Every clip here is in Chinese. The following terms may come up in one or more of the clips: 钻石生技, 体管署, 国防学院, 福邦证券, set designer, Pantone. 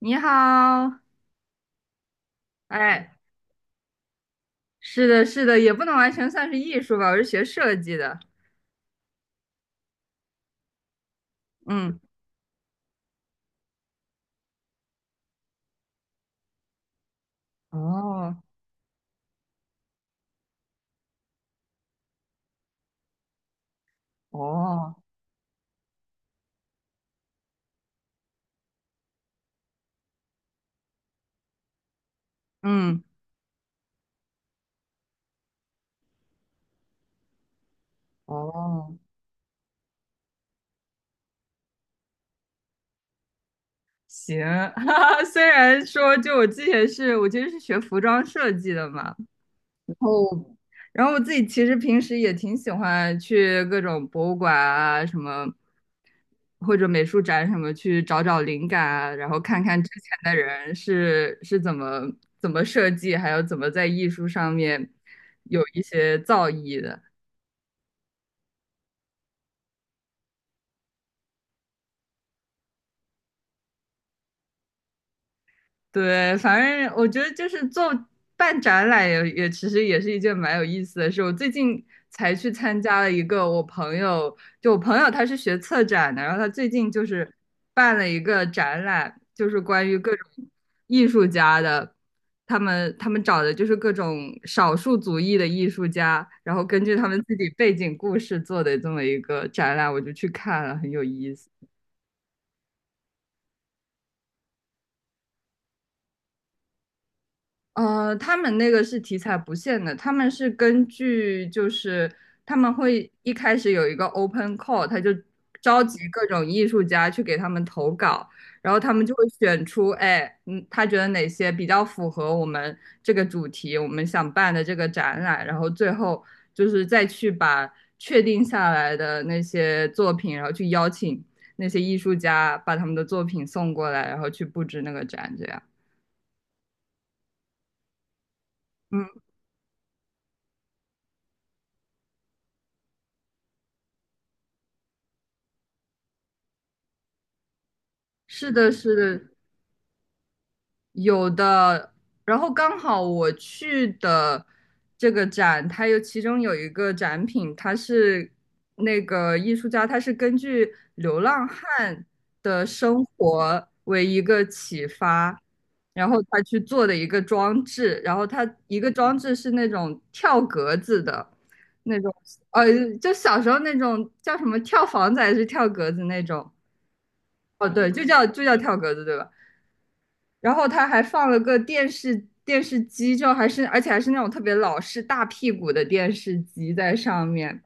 你好。哎，是的，是的，也不能完全算是艺术吧，我是学设计的。嗯。哦哦嗯哦。行，哈哈，虽然说就我其实是学服装设计的嘛，然后我自己其实平时也挺喜欢去各种博物馆啊，什么或者美术展什么去找找灵感啊，然后看看之前的人是怎么设计，还有怎么在艺术上面有一些造诣的。对，反正我觉得就是做办展览也其实也是一件蛮有意思的事。我最近才去参加了一个我朋友，就我朋友他是学策展的，然后他最近就是办了一个展览，就是关于各种艺术家的，他们找的就是各种少数族裔的艺术家，然后根据他们自己背景故事做的这么一个展览，我就去看了，很有意思。他们那个是题材不限的，他们是根据就是他们会一开始有一个 open call,他就召集各种艺术家去给他们投稿，然后他们就会选出，哎，嗯，他觉得哪些比较符合我们这个主题，我们想办的这个展览，然后最后就是再去把确定下来的那些作品，然后去邀请那些艺术家把他们的作品送过来，然后去布置那个展，这样。嗯，是的，是的，有的，然后刚好我去的这个展，它有其中有一个展品，它是那个艺术家，他是根据流浪汉的生活为一个启发，然后他去做的一个装置，然后他一个装置是那种跳格子的那种。呃，就小时候那种叫什么跳房子还是跳格子那种。哦，对，就叫跳格子，对吧？然后他还放了个电视机，就还是而且还是那种特别老式大屁股的电视机在上面，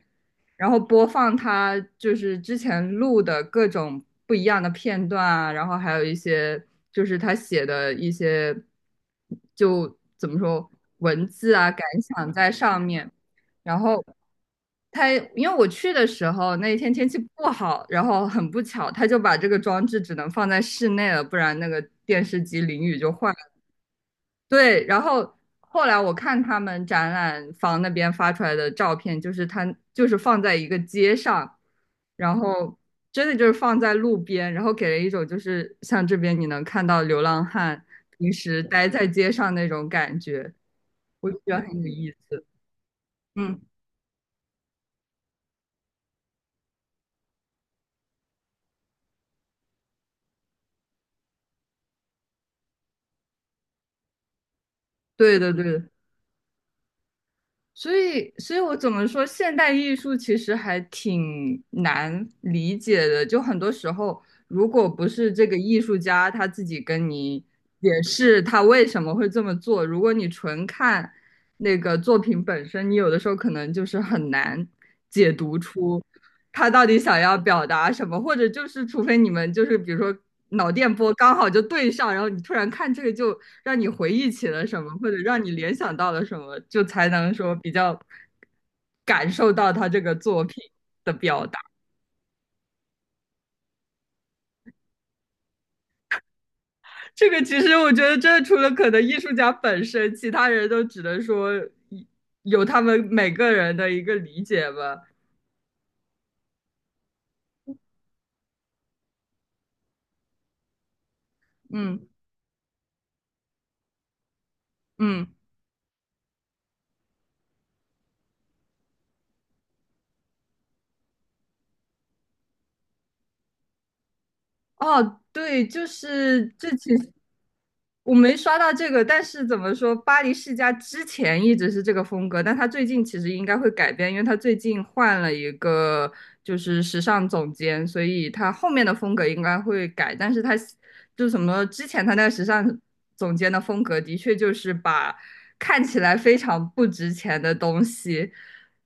然后播放他就是之前录的各种不一样的片段啊，然后还有一些就是他写的一些就怎么说文字啊感想在上面，然后他因为我去的时候那一天天气不好，然后很不巧，他就把这个装置只能放在室内了，不然那个电视机淋雨就坏了。对，然后后来我看他们展览房那边发出来的照片，就是他就是放在一个街上，然后真的就是放在路边，然后给人一种就是像这边你能看到流浪汉平时待在街上那种感觉，我就觉得很有意思。嗯，对的对的。所以我怎么说，现代艺术其实还挺难理解的。就很多时候，如果不是这个艺术家他自己跟你解释他为什么会这么做，如果你纯看那个作品本身，你有的时候可能就是很难解读出。他到底想要表达什么，或者就是除非你们就是比如说脑电波刚好就对上，然后你突然看这个就让你回忆起了什么，或者让你联想到了什么，就才能说比较感受到他这个作品的表达。这个其实我觉得，这除了可能艺术家本身，其他人都只能说有他们每个人的一个理解吧。嗯嗯哦，对，就是这其实。我没刷到这个，但是怎么说，巴黎世家之前一直是这个风格，但他最近其实应该会改变，因为他最近换了一个就是时尚总监，所以他后面的风格应该会改。但是他就什么之前他那个时尚总监的风格，的确就是把看起来非常不值钱的东西，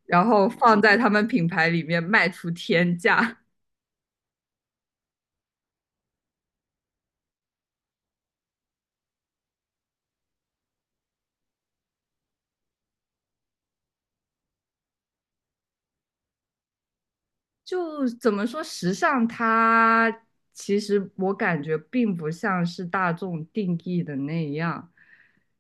然后放在他们品牌里面卖出天价。就怎么说，时尚它其实我感觉并不像是大众定义的那样，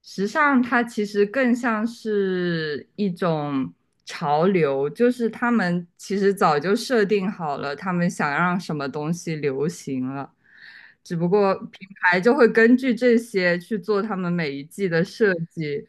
时尚它其实更像是一种潮流，就是他们其实早就设定好了，他们想让什么东西流行了，只不过品牌就会根据这些去做他们每一季的设计。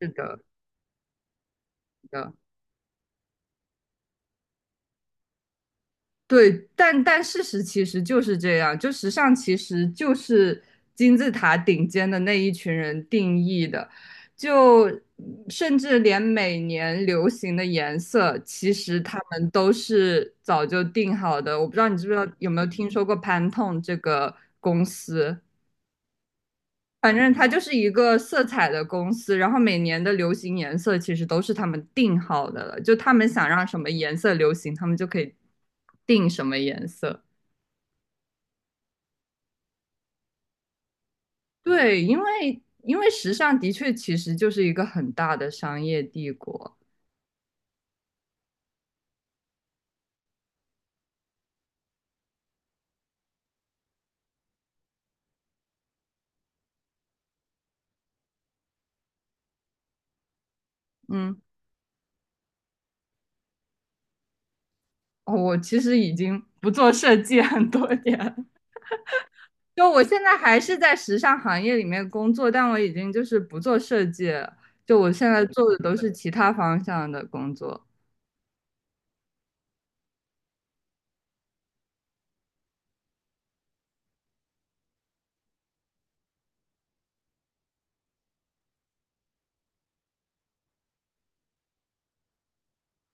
是的，是的。对，但事实其实就是这样，就时尚其实就是金字塔顶尖的那一群人定义的，就甚至连每年流行的颜色，其实他们都是早就定好的。我不知道你知不知道有没有听说过 Pantone 这个公司，反正它就是一个色彩的公司，然后每年的流行颜色其实都是他们定好的了，就他们想让什么颜色流行，他们就可以定什么颜色。对，因为时尚的确其实就是一个很大的商业帝国。嗯，哦，我其实已经不做设计很多年了，就我现在还是在时尚行业里面工作，但我已经就是不做设计了，就我现在做的都是其他方向的工作。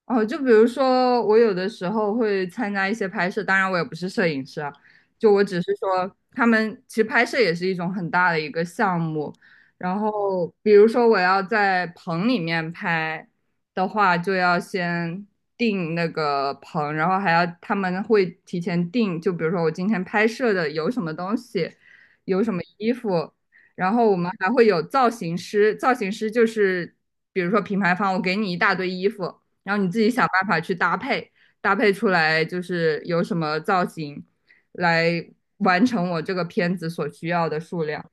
哦，就比如说，我有的时候会参加一些拍摄，当然我也不是摄影师啊，就我只是说，他们其实拍摄也是一种很大的一个项目。然后，比如说我要在棚里面拍的话，就要先定那个棚，然后还要他们会提前定，就比如说我今天拍摄的有什么东西，有什么衣服，然后我们还会有造型师，造型师就是比如说品牌方，我给你一大堆衣服。然后你自己想办法去搭配，搭配出来就是有什么造型，来完成我这个片子所需要的数量。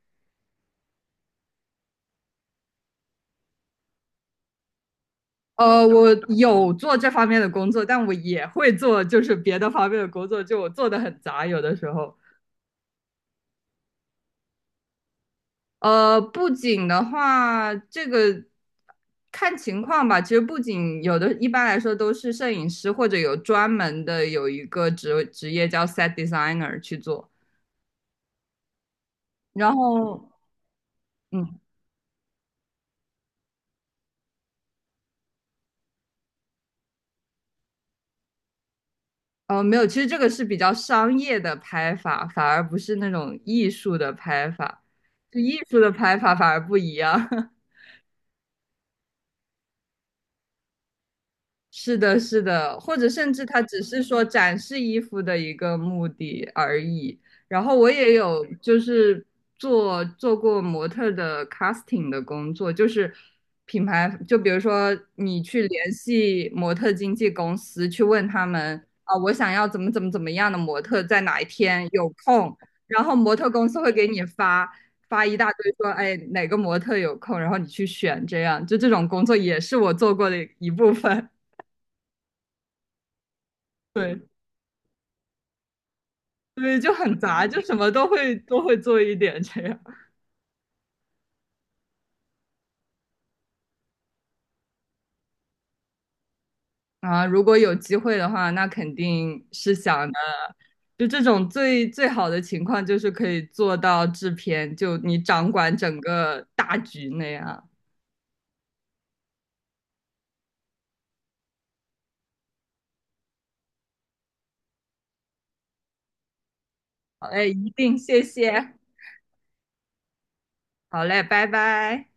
我有做这方面的工作，但我也会做就是别的方面的工作，就我做的很杂，有的时候。布景的话，这个看情况吧。其实布景有的，一般来说都是摄影师或者有专门的有一个职业叫 set designer 去做。然后，嗯，哦，没有，其实这个是比较商业的拍法，反而不是那种艺术的拍法，就艺术的拍法反而不一样。是的，是的，或者甚至它只是说展示衣服的一个目的而已。然后我也有就是做过模特儿的 casting 的工作，就是品牌，就比如说你去联系模特经纪公司，去问他们啊，我想要怎么样的模特，在哪一天有空，然后模特公司会给你发一大堆说，哎，哪个模特有空，然后你去选，这样，就这种工作也是我做过的一部分。对对，就很杂，就什么都会做一点这样啊。如果有机会的话，那肯定是想的。就这种最最好的情况，就是可以做到制片，就你掌管整个大局那样。好嘞，一定，谢谢。好嘞，拜拜。